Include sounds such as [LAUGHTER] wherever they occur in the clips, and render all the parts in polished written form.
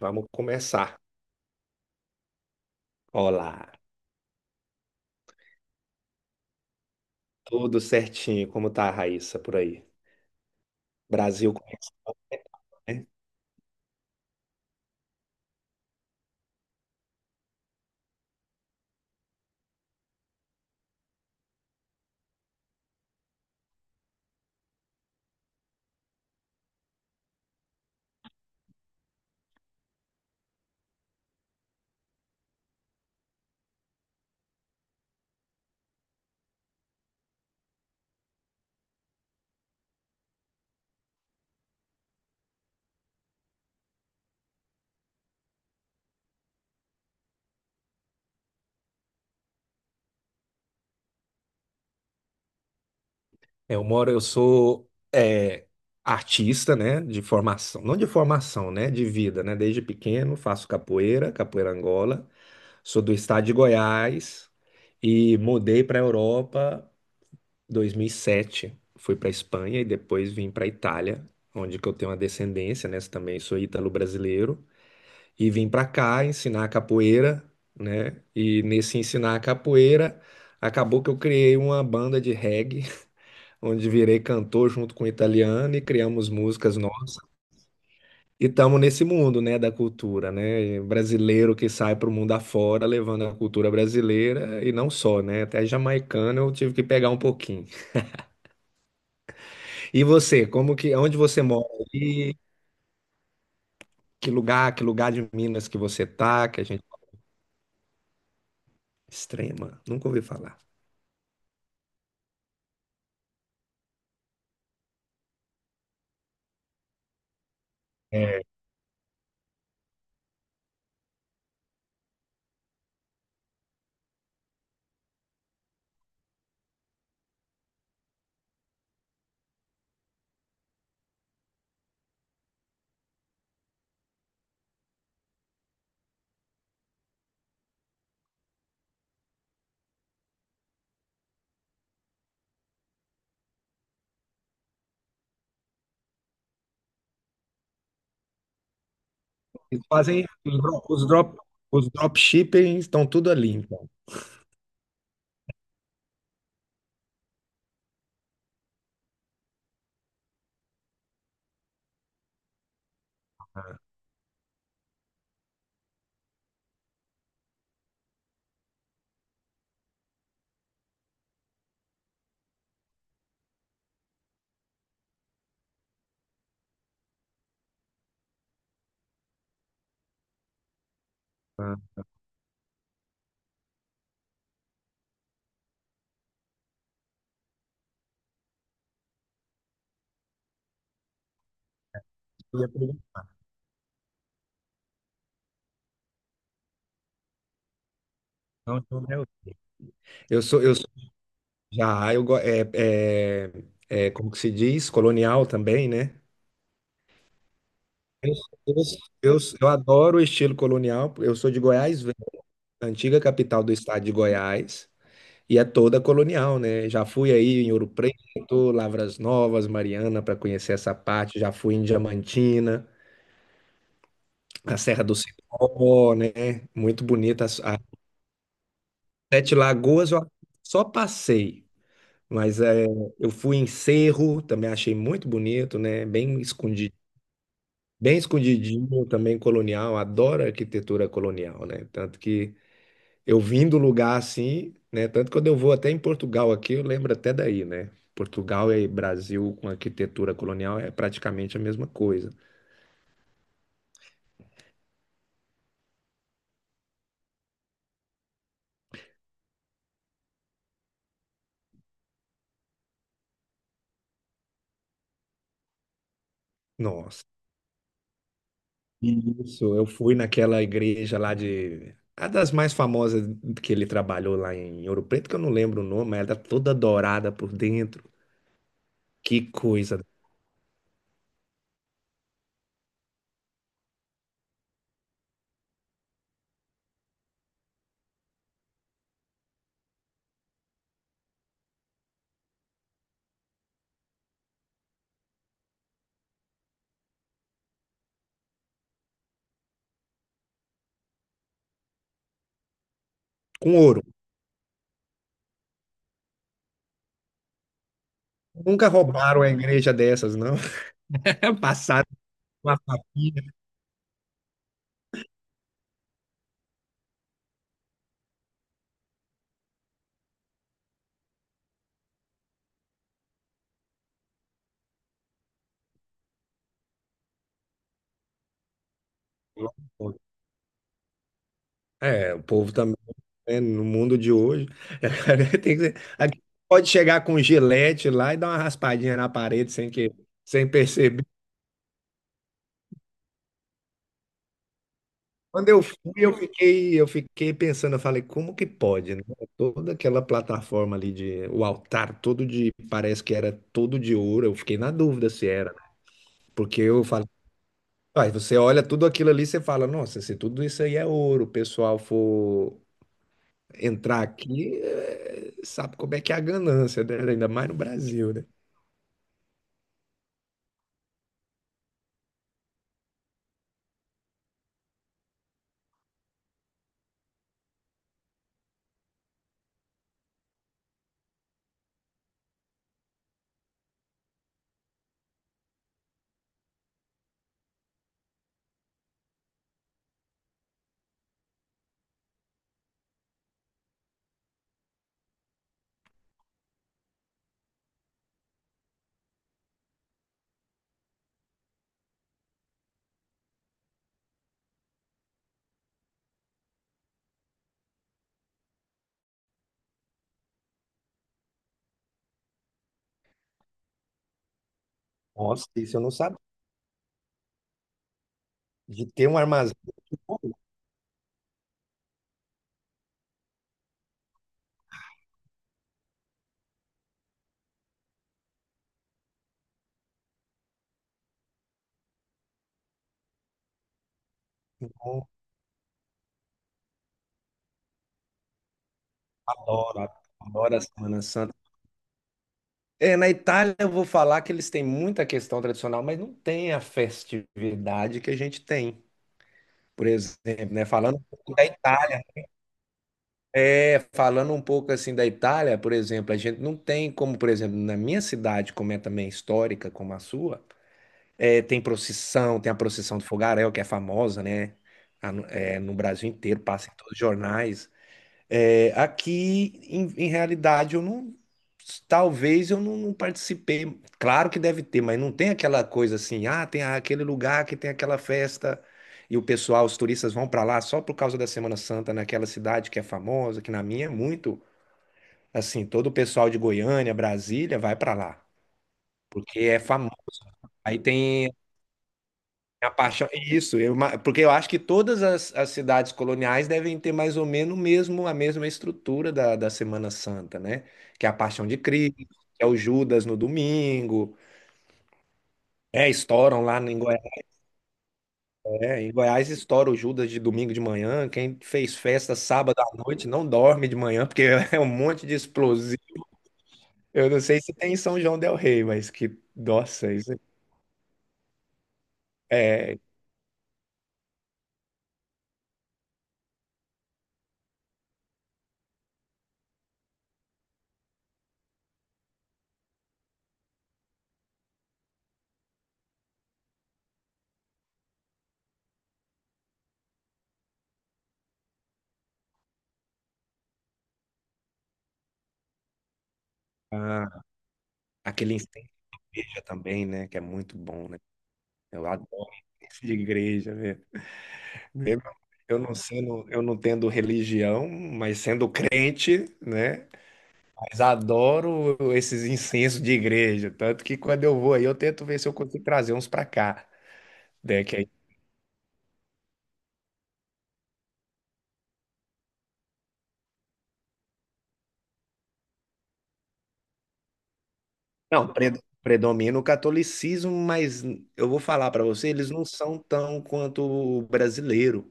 Vamos começar. Olá, tudo certinho? Como tá a Raíssa por aí? Brasil conhece, né? Eu sou artista, né? De formação, não de formação, né? De vida, né? Desde pequeno faço capoeira, capoeira Angola. Sou do estado de Goiás e mudei para a Europa 2007. Fui para Espanha e depois vim para Itália, onde que eu tenho uma descendência, né? Também sou ítalo-brasileiro. E vim para cá ensinar capoeira, né? E nesse ensinar capoeira, acabou que eu criei uma banda de reggae, [LAUGHS] onde virei cantor junto com o italiano e criamos músicas nossas. E estamos nesse mundo, né, da cultura, né? E brasileiro que sai para o mundo afora levando a cultura brasileira e não só, né? Até jamaicano eu tive que pegar um pouquinho. E você, como que, onde você mora aí? Que lugar de Minas que você tá, que a gente... É Extrema, nunca ouvi falar. Eles fazem os dropshipping estão tudo ali, então. Tá? E a produção, então, né? Eu sou, eu sou- já, eu go- é, é, como que se diz? Colonial também, né? Eu, eu, eu adoro o estilo colonial. Eu sou de Goiás, Velho, a antiga capital do estado de Goiás, e é toda colonial, né? Já fui aí em Ouro Preto, Lavras Novas, Mariana, para conhecer essa parte. Já fui em Diamantina, a Serra do Cipó, né? Muito bonita. Sete Lagoas eu só passei, mas eu fui em Cerro, também achei muito bonito, né? Bem escondido, bem escondidinho, também colonial, adoro arquitetura colonial, né? Tanto que eu vim do lugar assim, né? Tanto que quando eu vou até em Portugal aqui, eu lembro até daí, né? Portugal e Brasil com arquitetura colonial é praticamente a mesma coisa. Nossa. Isso, eu fui naquela igreja lá de... A das mais famosas que ele trabalhou lá em Ouro Preto, que eu não lembro o nome, mas ela tá toda dourada por dentro. Que coisa. Com ouro. Nunca roubaram a igreja dessas, não. [LAUGHS] Passaram uma papinha. É, o povo também, né, no mundo de hoje, [LAUGHS] aqui pode chegar com gilete lá e dar uma raspadinha na parede sem perceber. Quando eu fui, eu fiquei pensando, eu falei, como que pode, né? Toda aquela plataforma ali de, o altar todo de, parece que era todo de ouro, eu fiquei na dúvida se era, porque eu falei, ah, você olha tudo aquilo ali, você fala, nossa, se tudo isso aí é ouro, o pessoal for entrar aqui, sabe como é que é a ganância, né? Ainda mais no Brasil, né? Nossa, isso eu não sabia. De ter um armazém, eu adoro, adoro a Semana Santa. É, na Itália eu vou falar que eles têm muita questão tradicional, mas não tem a festividade que a gente tem. Por exemplo, né, falando um pouco assim da Itália, por exemplo, a gente não tem como, por exemplo, na minha cidade, como é também histórica, como a sua, tem procissão, tem a procissão do fogaréu, que é famosa, né? No Brasil inteiro, passa em todos os jornais. É, aqui, em realidade, eu não. Talvez eu não, não participei. Claro que deve ter, mas não tem aquela coisa assim, ah, tem aquele lugar que tem aquela festa e o pessoal, os turistas vão para lá só por causa da Semana Santa naquela cidade que é famosa, que na minha é muito assim, todo o pessoal de Goiânia, Brasília vai para lá, porque é famoso. Aí tem é a paixão, é isso, porque eu acho que todas as cidades coloniais devem ter mais ou menos o mesmo, a mesma estrutura da Semana Santa, né? Que é a Paixão de Cristo, que é o Judas no domingo, estouram lá em Goiás, em Goiás estoura o Judas de domingo de manhã, quem fez festa sábado à noite não dorme de manhã, porque [LAUGHS] é um monte de explosivo. Eu não sei se tem em São João del Rei, mas que, nossa, isso é... Ah, aquele enseja também, né? Que é muito bom, né? Eu adoro [LAUGHS] isso de igreja, velho. Mesmo eu não sendo, eu não tendo religião, mas sendo crente, né? Mas adoro esses incensos de igreja. Tanto que quando eu vou aí, eu tento ver se eu consigo trazer uns pra cá. Né? Não, predomina o catolicismo, mas eu vou falar pra você, eles não são tão quanto o brasileiro.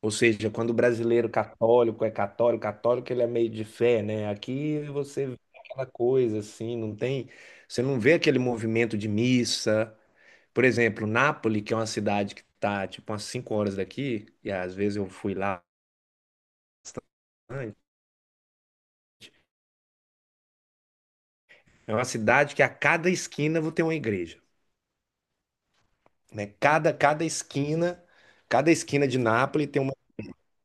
Ou seja, quando o brasileiro católico é católico, católico ele é meio de fé, né? Aqui você vê aquela coisa assim, não tem, você não vê aquele movimento de missa. Por exemplo, Nápoles, que é uma cidade que está tipo umas 5 horas daqui, e às vezes eu fui lá bastante, é uma cidade que a cada esquina vou ter uma igreja, né? Cada esquina de Nápoles tem uma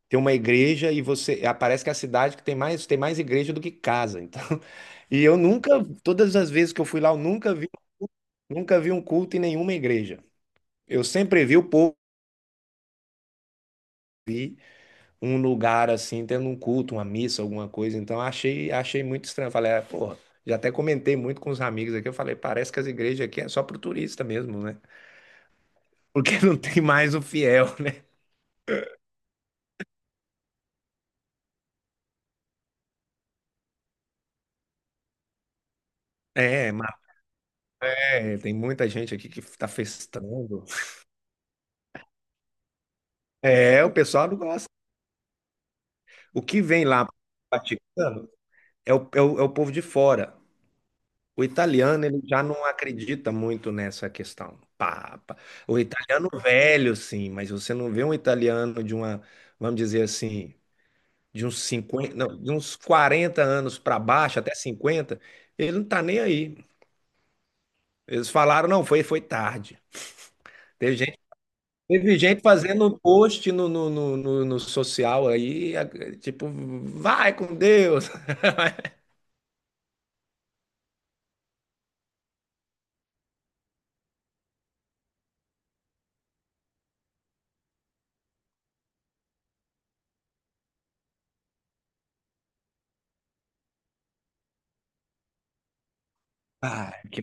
tem uma igreja, e você parece que é a cidade que tem mais igreja do que casa, então. [LAUGHS] e eu nunca Todas as vezes que eu fui lá, eu nunca vi, nunca vi um culto em nenhuma igreja. Eu sempre vi o povo, vi um lugar assim tendo um culto, uma missa, alguma coisa. Então achei muito estranho. Eu falei, ah, porra, já até comentei muito com os amigos aqui. Eu falei, parece que as igrejas aqui é só pro turista mesmo, né? [LAUGHS] Porque não tem mais o fiel, né? Mas tem muita gente aqui que tá festando. É, o pessoal não gosta. O que vem lá pro Vaticano é o povo de fora. O italiano ele já não acredita muito nessa questão. Papa. O italiano velho, sim, mas você não vê um italiano de uma, vamos dizer assim, de uns 50, não, de uns 40 anos para baixo, até 50, ele não tá nem aí. Eles falaram, não, foi tarde. Teve gente, teve gente fazendo um post no social aí, tipo, vai com Deus. Ah, que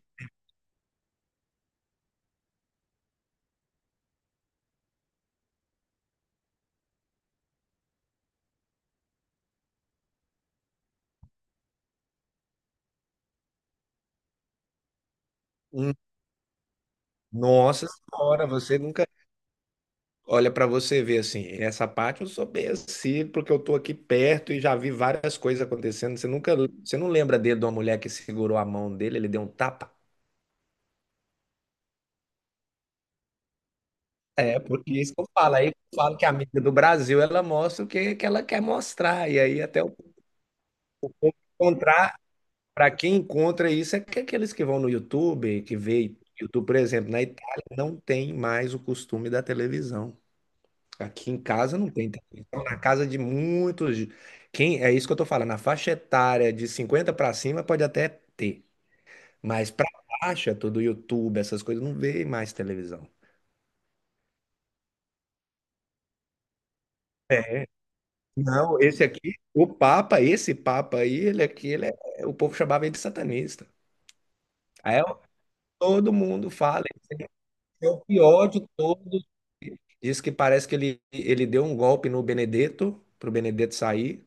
um. Nossa Senhora, você nunca olha para você ver assim. Essa parte eu sou bem assim, porque eu tô aqui perto e já vi várias coisas acontecendo. Você nunca, você não lembra dele de uma mulher que segurou a mão dele, ele deu um tapa? É, porque isso que eu falo. Aí eu falo que a mídia do Brasil ela mostra o que, que ela quer mostrar. E aí até eu encontrar, para quem encontra isso, é que aqueles que vão no YouTube, que vê YouTube, por exemplo, na Itália não tem mais o costume da televisão. Aqui em casa não tem televisão. Na casa de muitos. Quem, é isso que eu tô falando. Na faixa etária de 50 para cima pode até ter. Mas para baixa, tudo YouTube, essas coisas, não vê mais televisão. É. Não, esse aqui, o Papa, esse Papa aí, ele aqui, ele é, o povo chamava ele de satanista. Aí eu- todo mundo fala, ele é o pior de todos. Diz que parece que ele deu um golpe no Benedetto, pro Benedetto sair.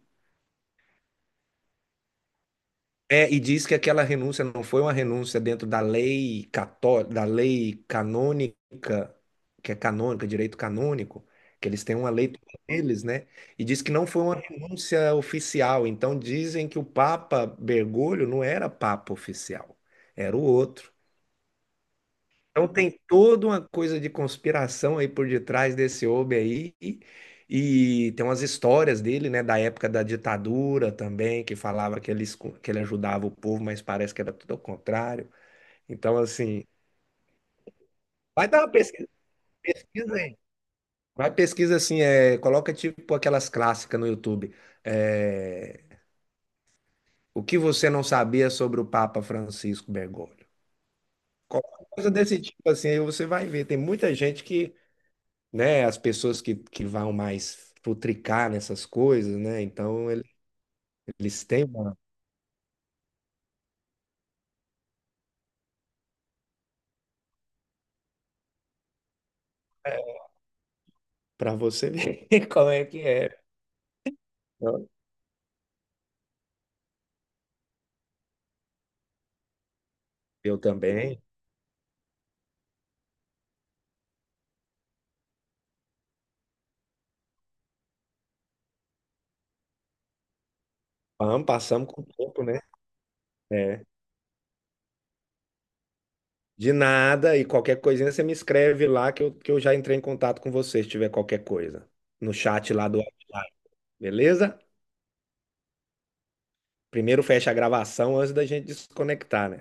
É, e diz que aquela renúncia não foi uma renúncia dentro da lei católica, da lei canônica, que é canônica, direito canônico, que eles têm uma lei toda eles, né? E diz que não foi uma renúncia oficial. Então dizem que o Papa Bergoglio não era Papa oficial, era o outro. Então tem toda uma coisa de conspiração aí por detrás desse homem aí. E tem umas histórias dele, né, da época da ditadura também, que falava que ele, que ele ajudava o povo, mas parece que era tudo ao contrário. Então, assim, vai dar uma pesquisa, pesquisa aí. Vai pesquisa assim, coloca tipo aquelas clássicas no YouTube. É, o que você não sabia sobre o Papa Francisco Bergoglio? Qualquer coisa desse tipo assim, aí você vai ver. Tem muita gente que, né, as pessoas que vão mais futricar nessas coisas, né? Eles têm uma... para você ver [LAUGHS] como é que é. Eu eu também. Vamos, passamos com o tempo, né? É. De nada, e qualquer coisinha você me escreve lá que eu, já entrei em contato com você se tiver qualquer coisa. No chat lá do WhatsApp, beleza? Primeiro fecha a gravação antes da gente desconectar, né?